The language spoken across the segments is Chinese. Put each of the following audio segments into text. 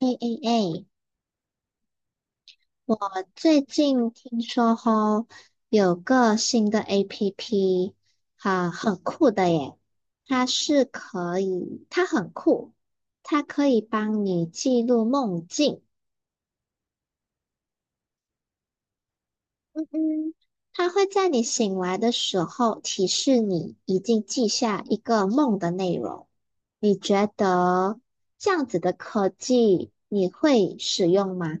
哎哎，我最近听说吼，有个新的 APP，哈，很酷的耶！它很酷，它可以帮你记录梦境。嗯嗯，它会在你醒来的时候提示你已经记下一个梦的内容。你觉得这样子的科技你会使用吗？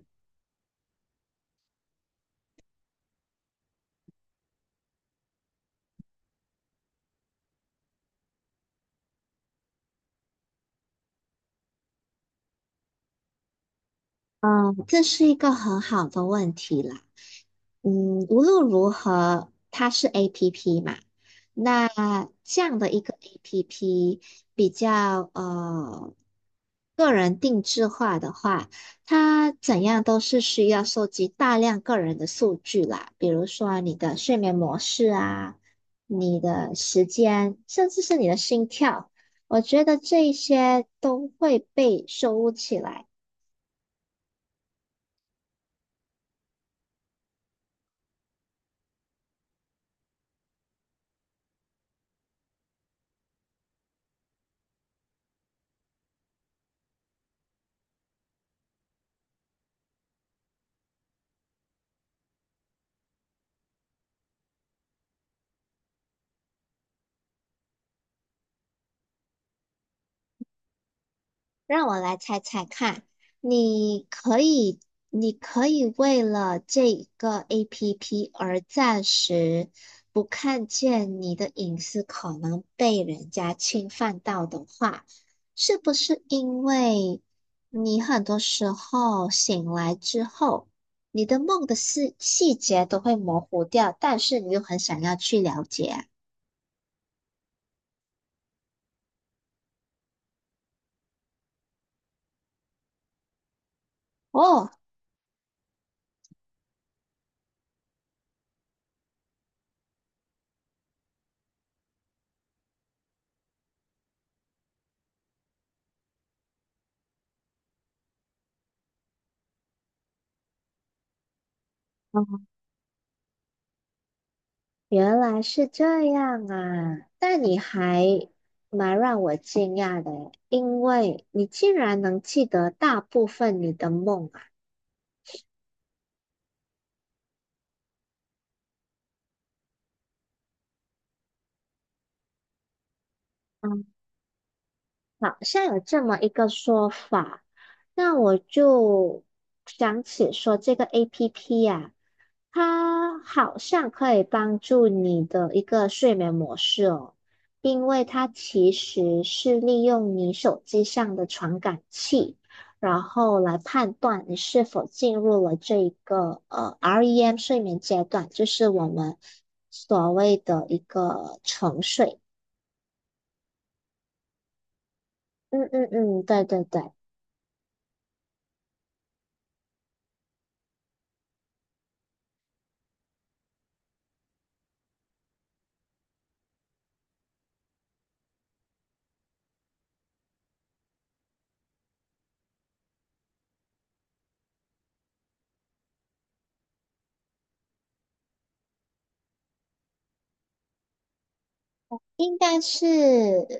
嗯，这是一个很好的问题啦。嗯，无论如何，它是 APP 嘛，那这样的一个 APP 比较个人定制化的话，它怎样都是需要收集大量个人的数据啦，比如说你的睡眠模式啊，你的时间，甚至是你的心跳，我觉得这一些都会被收录起来。让我来猜猜看，你可以，你可以为了这一个 APP 而暂时不看见你的隐私可能被人家侵犯到的话，是不是因为你很多时候醒来之后，你的梦的细节都会模糊掉，但是你又很想要去了解啊？哦，原来是这样啊，但你还蛮让我惊讶的诶，因为你竟然能记得大部分你的梦啊。嗯，好像有这么一个说法，那我就想起说这个 APP 呀、它好像可以帮助你的一个睡眠模式哦，因为它其实是利用你手机上的传感器，然后来判断你是否进入了这一个REM 睡眠阶段，就是我们所谓的一个沉睡。嗯嗯嗯，对对对。应该是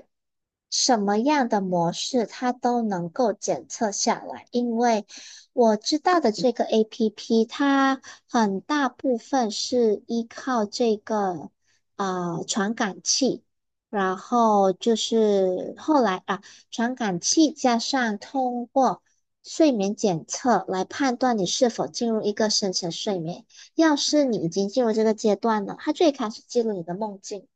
什么样的模式，它都能够检测下来。因为我知道的这个 APP，它很大部分是依靠这个传感器，然后就是后来啊，传感器加上通过睡眠检测来判断你是否进入一个深层睡眠。要是你已经进入这个阶段了，它最开始记录你的梦境。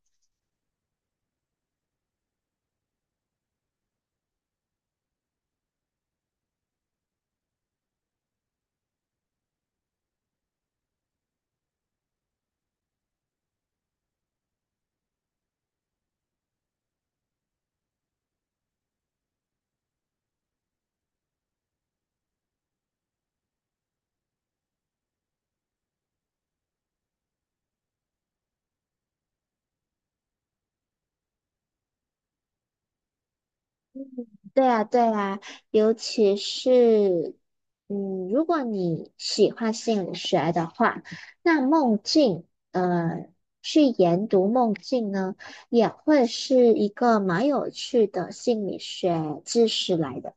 对啊，对啊，尤其是，嗯，如果你喜欢心理学的话，那梦境，呃，去研读梦境呢，也会是一个蛮有趣的心理学知识来的。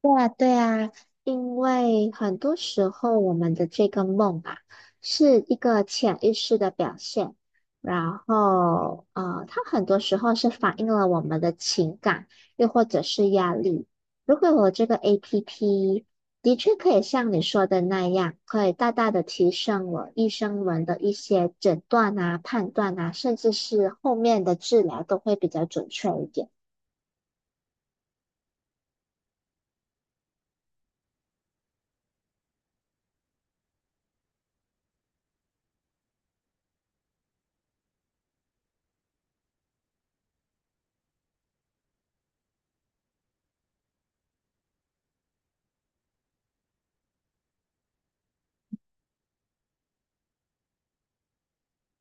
对啊，对啊，因为很多时候我们的这个梦啊，是一个潜意识的表现，然后它很多时候是反映了我们的情感，又或者是压力。如果有这个 APP，的确可以像你说的那样，可以大大的提升我医生们的一些诊断啊、判断啊，甚至是后面的治疗都会比较准确一点。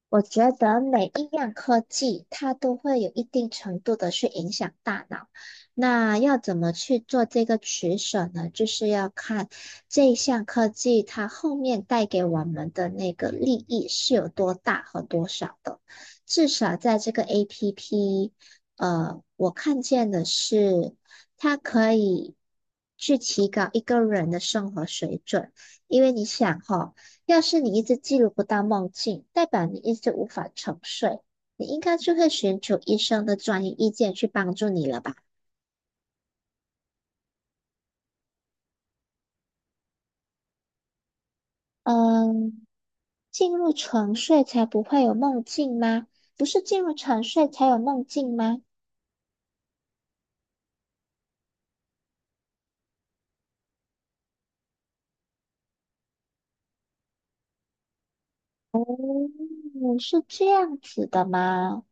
我觉得每一样科技，它都会有一定程度的去影响大脑。那要怎么去做这个取舍呢？就是要看这一项科技它后面带给我们的那个利益是有多大和多少的。至少在这个 APP，我看见的是它可以去提高一个人的生活水准，因为你想哈。要是你一直记录不到梦境，代表你一直无法沉睡，你应该就会寻求医生的专业意见去帮助你了吧？嗯，进入沉睡才不会有梦境吗？不是进入沉睡才有梦境吗？嗯，是这样子的吗？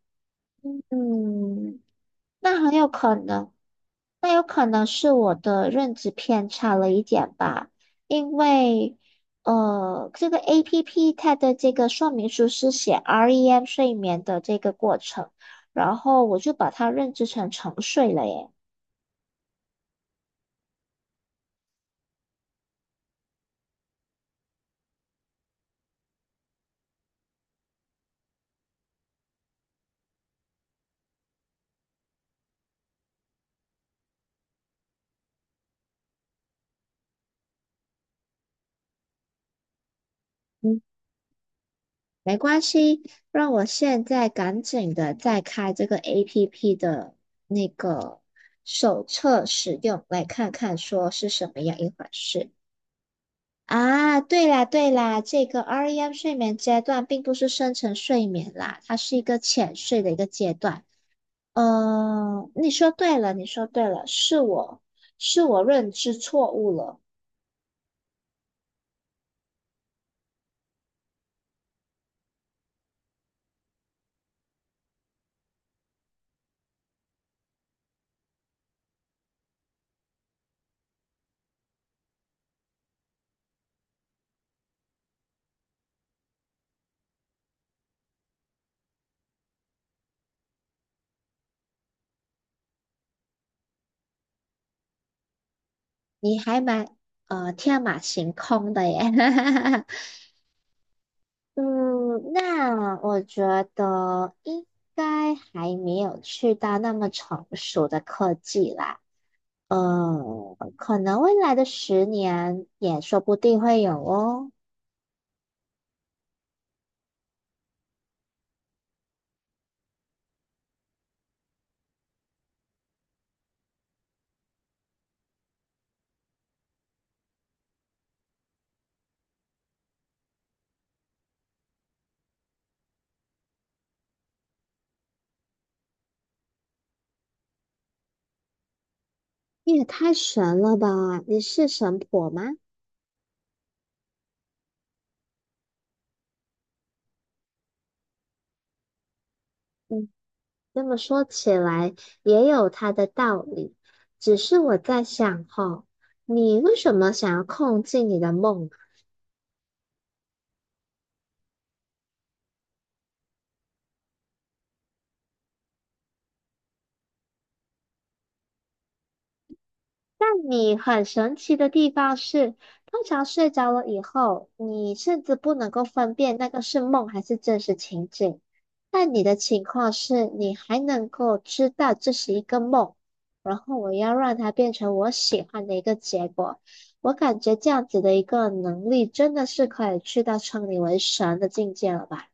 嗯，那很有可能那有可能是我的认知偏差了一点吧，因为这个 APP 它的这个说明书是写 REM 睡眠的这个过程，然后我就把它认知成沉睡了耶。嗯，没关系，让我现在赶紧的再开这个 APP 的那个手册使用，来看看说是什么样一回事。啊，对啦对啦，这个 REM 睡眠阶段并不是深层睡眠啦，它是一个浅睡的一个阶段。嗯，你说对了，你说对了，是我认知错误了，你还蛮天马行空的耶。嗯，那我觉得应该还没有去到那么成熟的科技啦。嗯，可能未来的10年也说不定会有哦。你也太神了吧！你是神婆吗？嗯，这么说起来也有它的道理。只是我在想哈，你为什么想要控制你的梦？但你很神奇的地方是，通常睡着了以后，你甚至不能够分辨那个是梦还是真实情景。但你的情况是，你还能够知道这是一个梦，然后我要让它变成我喜欢的一个结果。我感觉这样子的一个能力，真的是可以去到称你为神的境界了吧？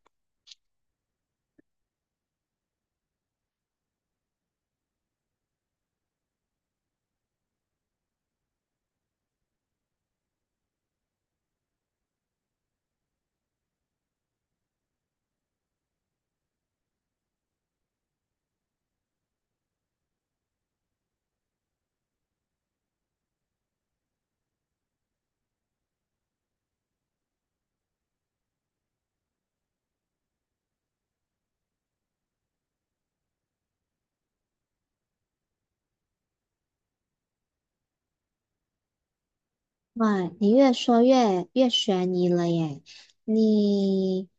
哇，你越说越越悬疑了耶！你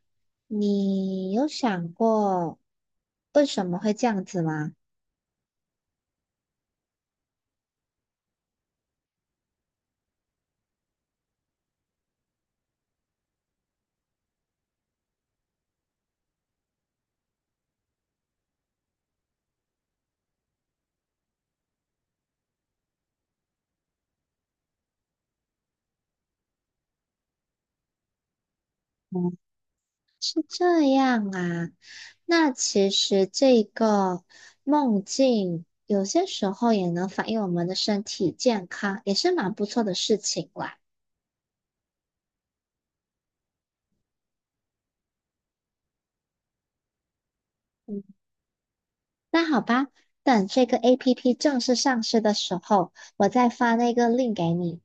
你有想过为什么会这样子吗？嗯，是这样啊。那其实这个梦境有些时候也能反映我们的身体健康，也是蛮不错的事情啦。嗯，那好吧，等这个 APP 正式上市的时候，我再发那个 link 给你。